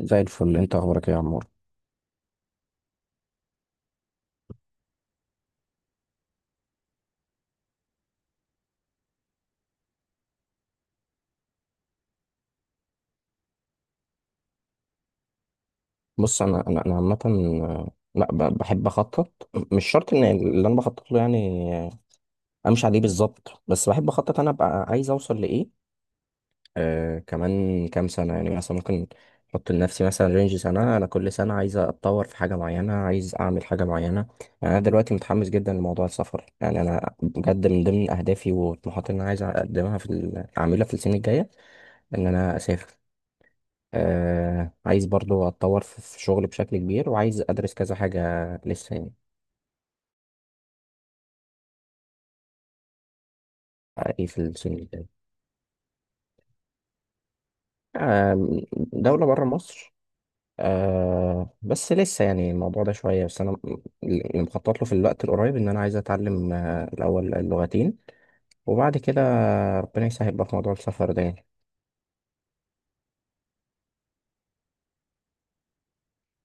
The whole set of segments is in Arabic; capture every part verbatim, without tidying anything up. زي الفل، انت اخبارك ايه يا عمور؟ بص، انا انا انا عامه، آه، لا ب- بحب اخطط. مش شرط ان اللي انا بخطط له، يعني آه، امشي عليه بالظبط. بس بحب اخطط، انا ابقى عايز اوصل لايه آه كمان كام سنه. يعني مثلا ممكن احط لنفسي مثلا رينج سنه. انا كل سنه عايز اتطور في حاجه معينه، عايز اعمل حاجه معينه. يعني انا دلوقتي متحمس جدا لموضوع السفر. يعني انا بجد من ضمن اهدافي وطموحاتي اللي انا عايز اقدمها في ال- اعملها في السنه الجايه ان انا اسافر. آه عايز برضو اتطور في في شغل بشكل كبير، وعايز ادرس كذا حاجة لسه يعني. آه، ايه في السنين الجاية؟ آه. دولة بره مصر. آه، بس لسه يعني الموضوع ده شوية. بس انا م- اللي مخطط له في الوقت القريب ان انا عايز اتعلم آه الاول اللغتين، وبعد كده ربنا يسهل بقى في موضوع السفر ده يعني.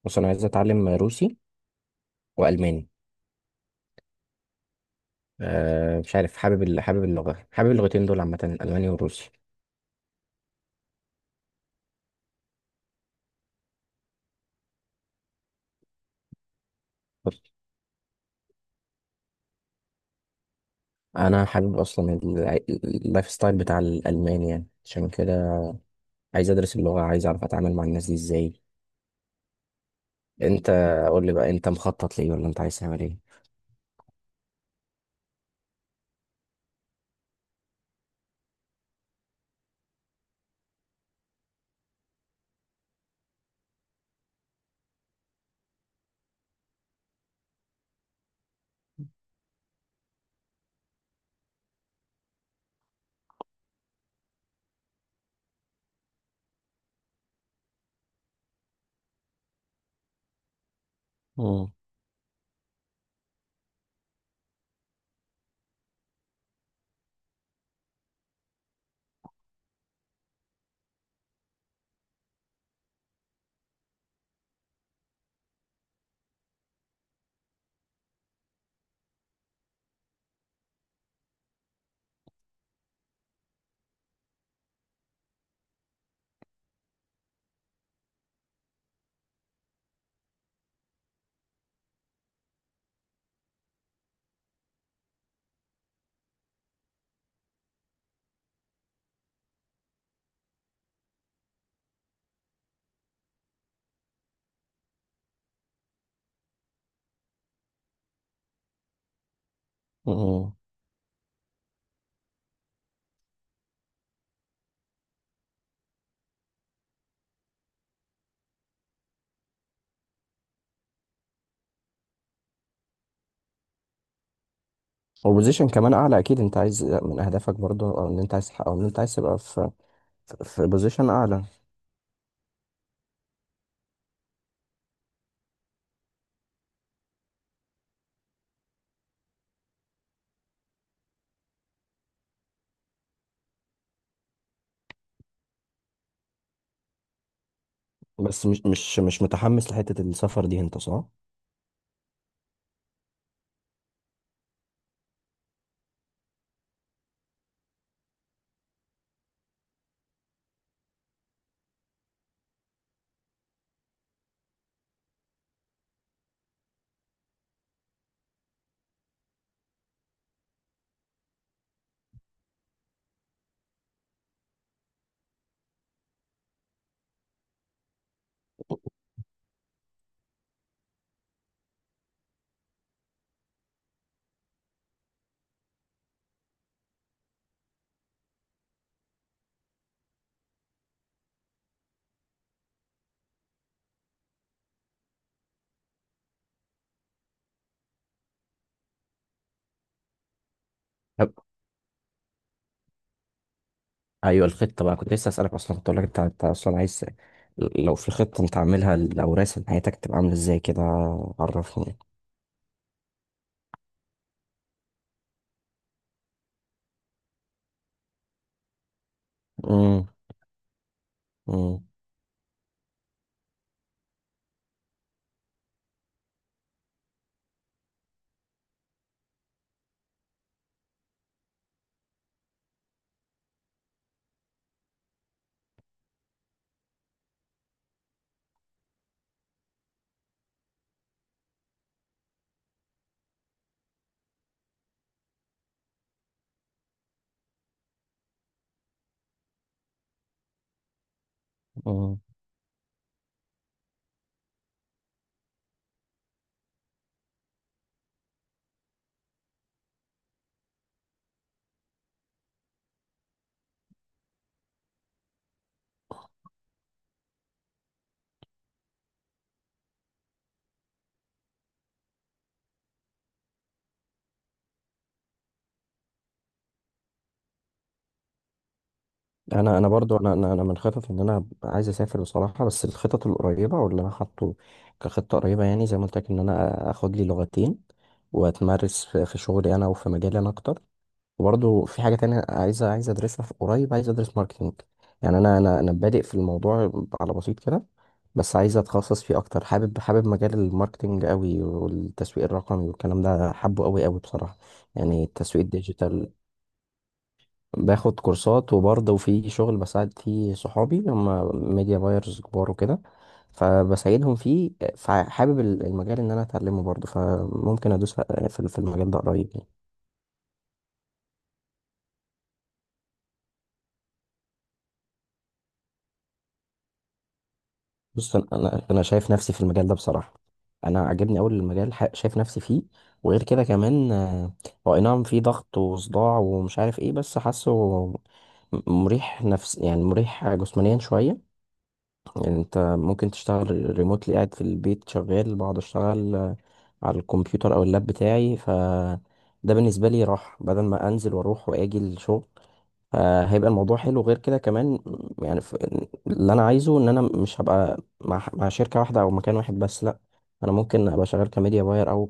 بص، انا عايز اتعلم روسي والماني. آه مش عارف، حابب ال- حابب اللغة، حابب اللغتين دول عامة، الالماني والروسي. انا حابب اصلا الع- اللايف ستايل بتاع الالمان، يعني عشان كده عايز ادرس اللغه، عايز اعرف اتعامل مع الناس دي ازاي. انت، قول لي بقى، انت مخطط ليه ولا انت عايز تعمل ايه؟ مم. مم. والبوزيشن كمان اعلى، اكيد انت عايز من اهدافك برضه، او ان انت عايز تحقق- او ان انت عايز تبقى في في بوزيشن اعلى. بس مش مش مش متحمس لحته السفر دي انت، صح؟ طب، ايوه، الخطه بقى، كنت لسه اسالك اصلا، كنت اقول لك انت انت اصلا عايز، لو في خطه انت عاملها، لو راسم حياتك تبقى عامله ازاي كده، عرفني. مم. مم. انا انا برضو انا انا أنا من خطط ان انا عايز اسافر بصراحه. بس الخطط القريبه واللي انا حاطه كخطه قريبه، يعني زي ما قلت لك، ان انا اخد لي لغتين، واتمرس في في شغلي انا، وفي مجالي انا اكتر. وبرضو في حاجه تانية عايز عايز ادرسها في قريب، عايز ادرس ماركتينج. يعني انا انا انا بادئ في الموضوع على بسيط كده، بس عايز اتخصص فيه اكتر. حابب حابب مجال الماركتينج قوي، والتسويق الرقمي والكلام ده حابه قوي قوي بصراحه، يعني التسويق الديجيتال. باخد كورسات، وبرضه في شغل بساعد فيه صحابي، هم ميديا بايرز كبار وكده، فبساعدهم فيه. فحابب ال- المجال ان انا اتعلمه برضه، فممكن ادوس في في المجال ده قريب يعني. بص، انا انا أنا شايف نفسي في المجال ده بصراحة. انا عاجبني اول المجال، ح- شايف نفسي فيه. وغير كده كمان، آه، هو اي نعم في ضغط وصداع ومش عارف ايه، بس حاسه م- مريح نفس، يعني مريح جسمانيا شوية. يعني انت ممكن تشتغل ريموتلي، قاعد في البيت شغال، بقعد اشتغل آه، على الكمبيوتر او اللاب بتاعي. ف ده بالنسبه لي راحه، بدل ما انزل واروح واجي الشغل. فهيبقى الموضوع حلو، غير كده كمان م، يعني ف- اللي انا عايزه ان انا مش هبقى مع مع شركه واحده او مكان واحد، بس لا. انا ممكن ابقى شغال كميديا باير او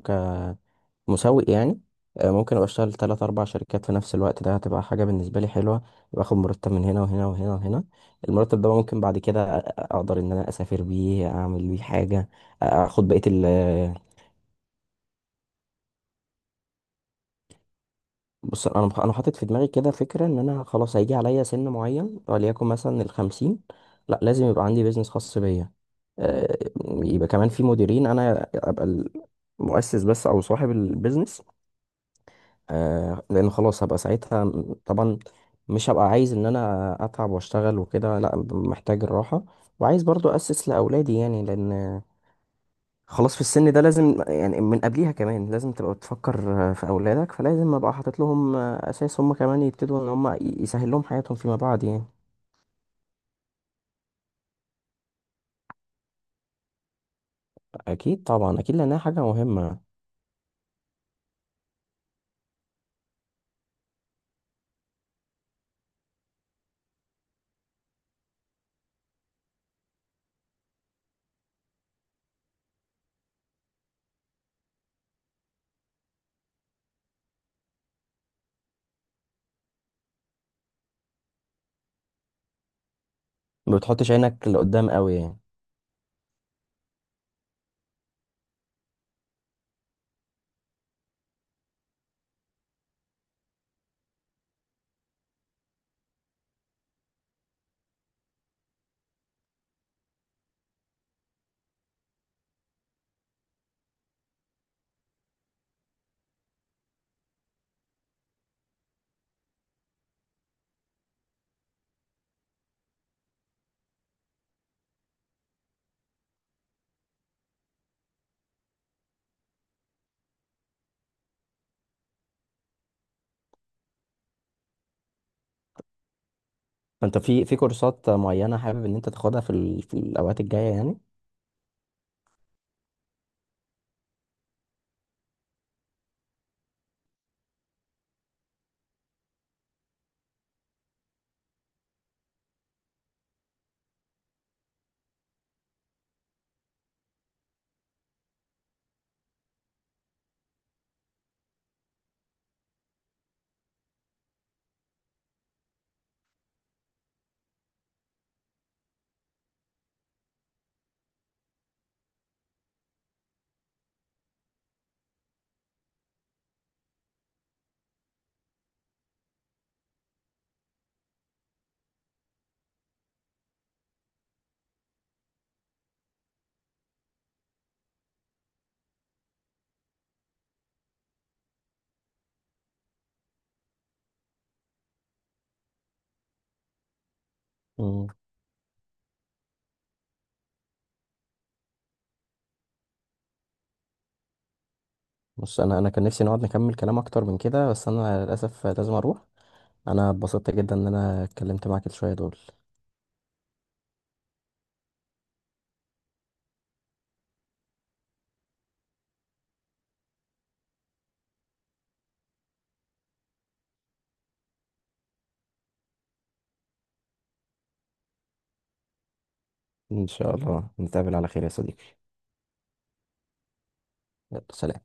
مسوق يعني. آه، ممكن ابقى اشتغل تلات اربع شركات في نفس الوقت، ده هتبقى حاجه بالنسبه لي حلوه. باخد مرتب من هنا وهنا وهنا وهنا. المرتب ده ممكن بعد كده أ- اقدر ان انا اسافر بيه، اعمل بيه حاجه، اخد بقيه ال آه، بص، انا مخ- انا حاطط في دماغي كده فكره، ان انا خلاص هيجي عليا سن معين، وليكن مثلا الخمسين، لا لازم يبقى عندي بيزنس خاص بيا. آه، يبقى كمان في مديرين، انا ابقى المؤسس بس او صاحب البيزنس. آه لان خلاص هبقى ساعتها م- طبعا مش هبقى عايز ان انا اتعب واشتغل وكده، لا ب- محتاج الراحه. وعايز برضو اسس لاولادي يعني، لان خلاص في السن ده لازم، يعني من قبليها كمان لازم تبقى بتفكر آه، في اولادك، فلازم ابقى حاطط لهم آه، اساس، هم كمان يبتدوا ان هم ي- يسهل لهم حياتهم فيما بعد يعني. اكيد طبعا اكيد، لانها حاجه مهمه. ما بتحطش عينك لقدام قوي يعني. فانت في في كورسات معينه حابب ان انت تاخدها في ال- في الاوقات الجايه يعني؟ بص، انا انا كان نفسي نقعد نكمل كلام اكتر من كده، بس انا للاسف لازم اروح. انا اتبسطت جدا ان انا اتكلمت معاك شويه دول. ان شاء الله نتقابل على خير يا صديقي. يلا سلام.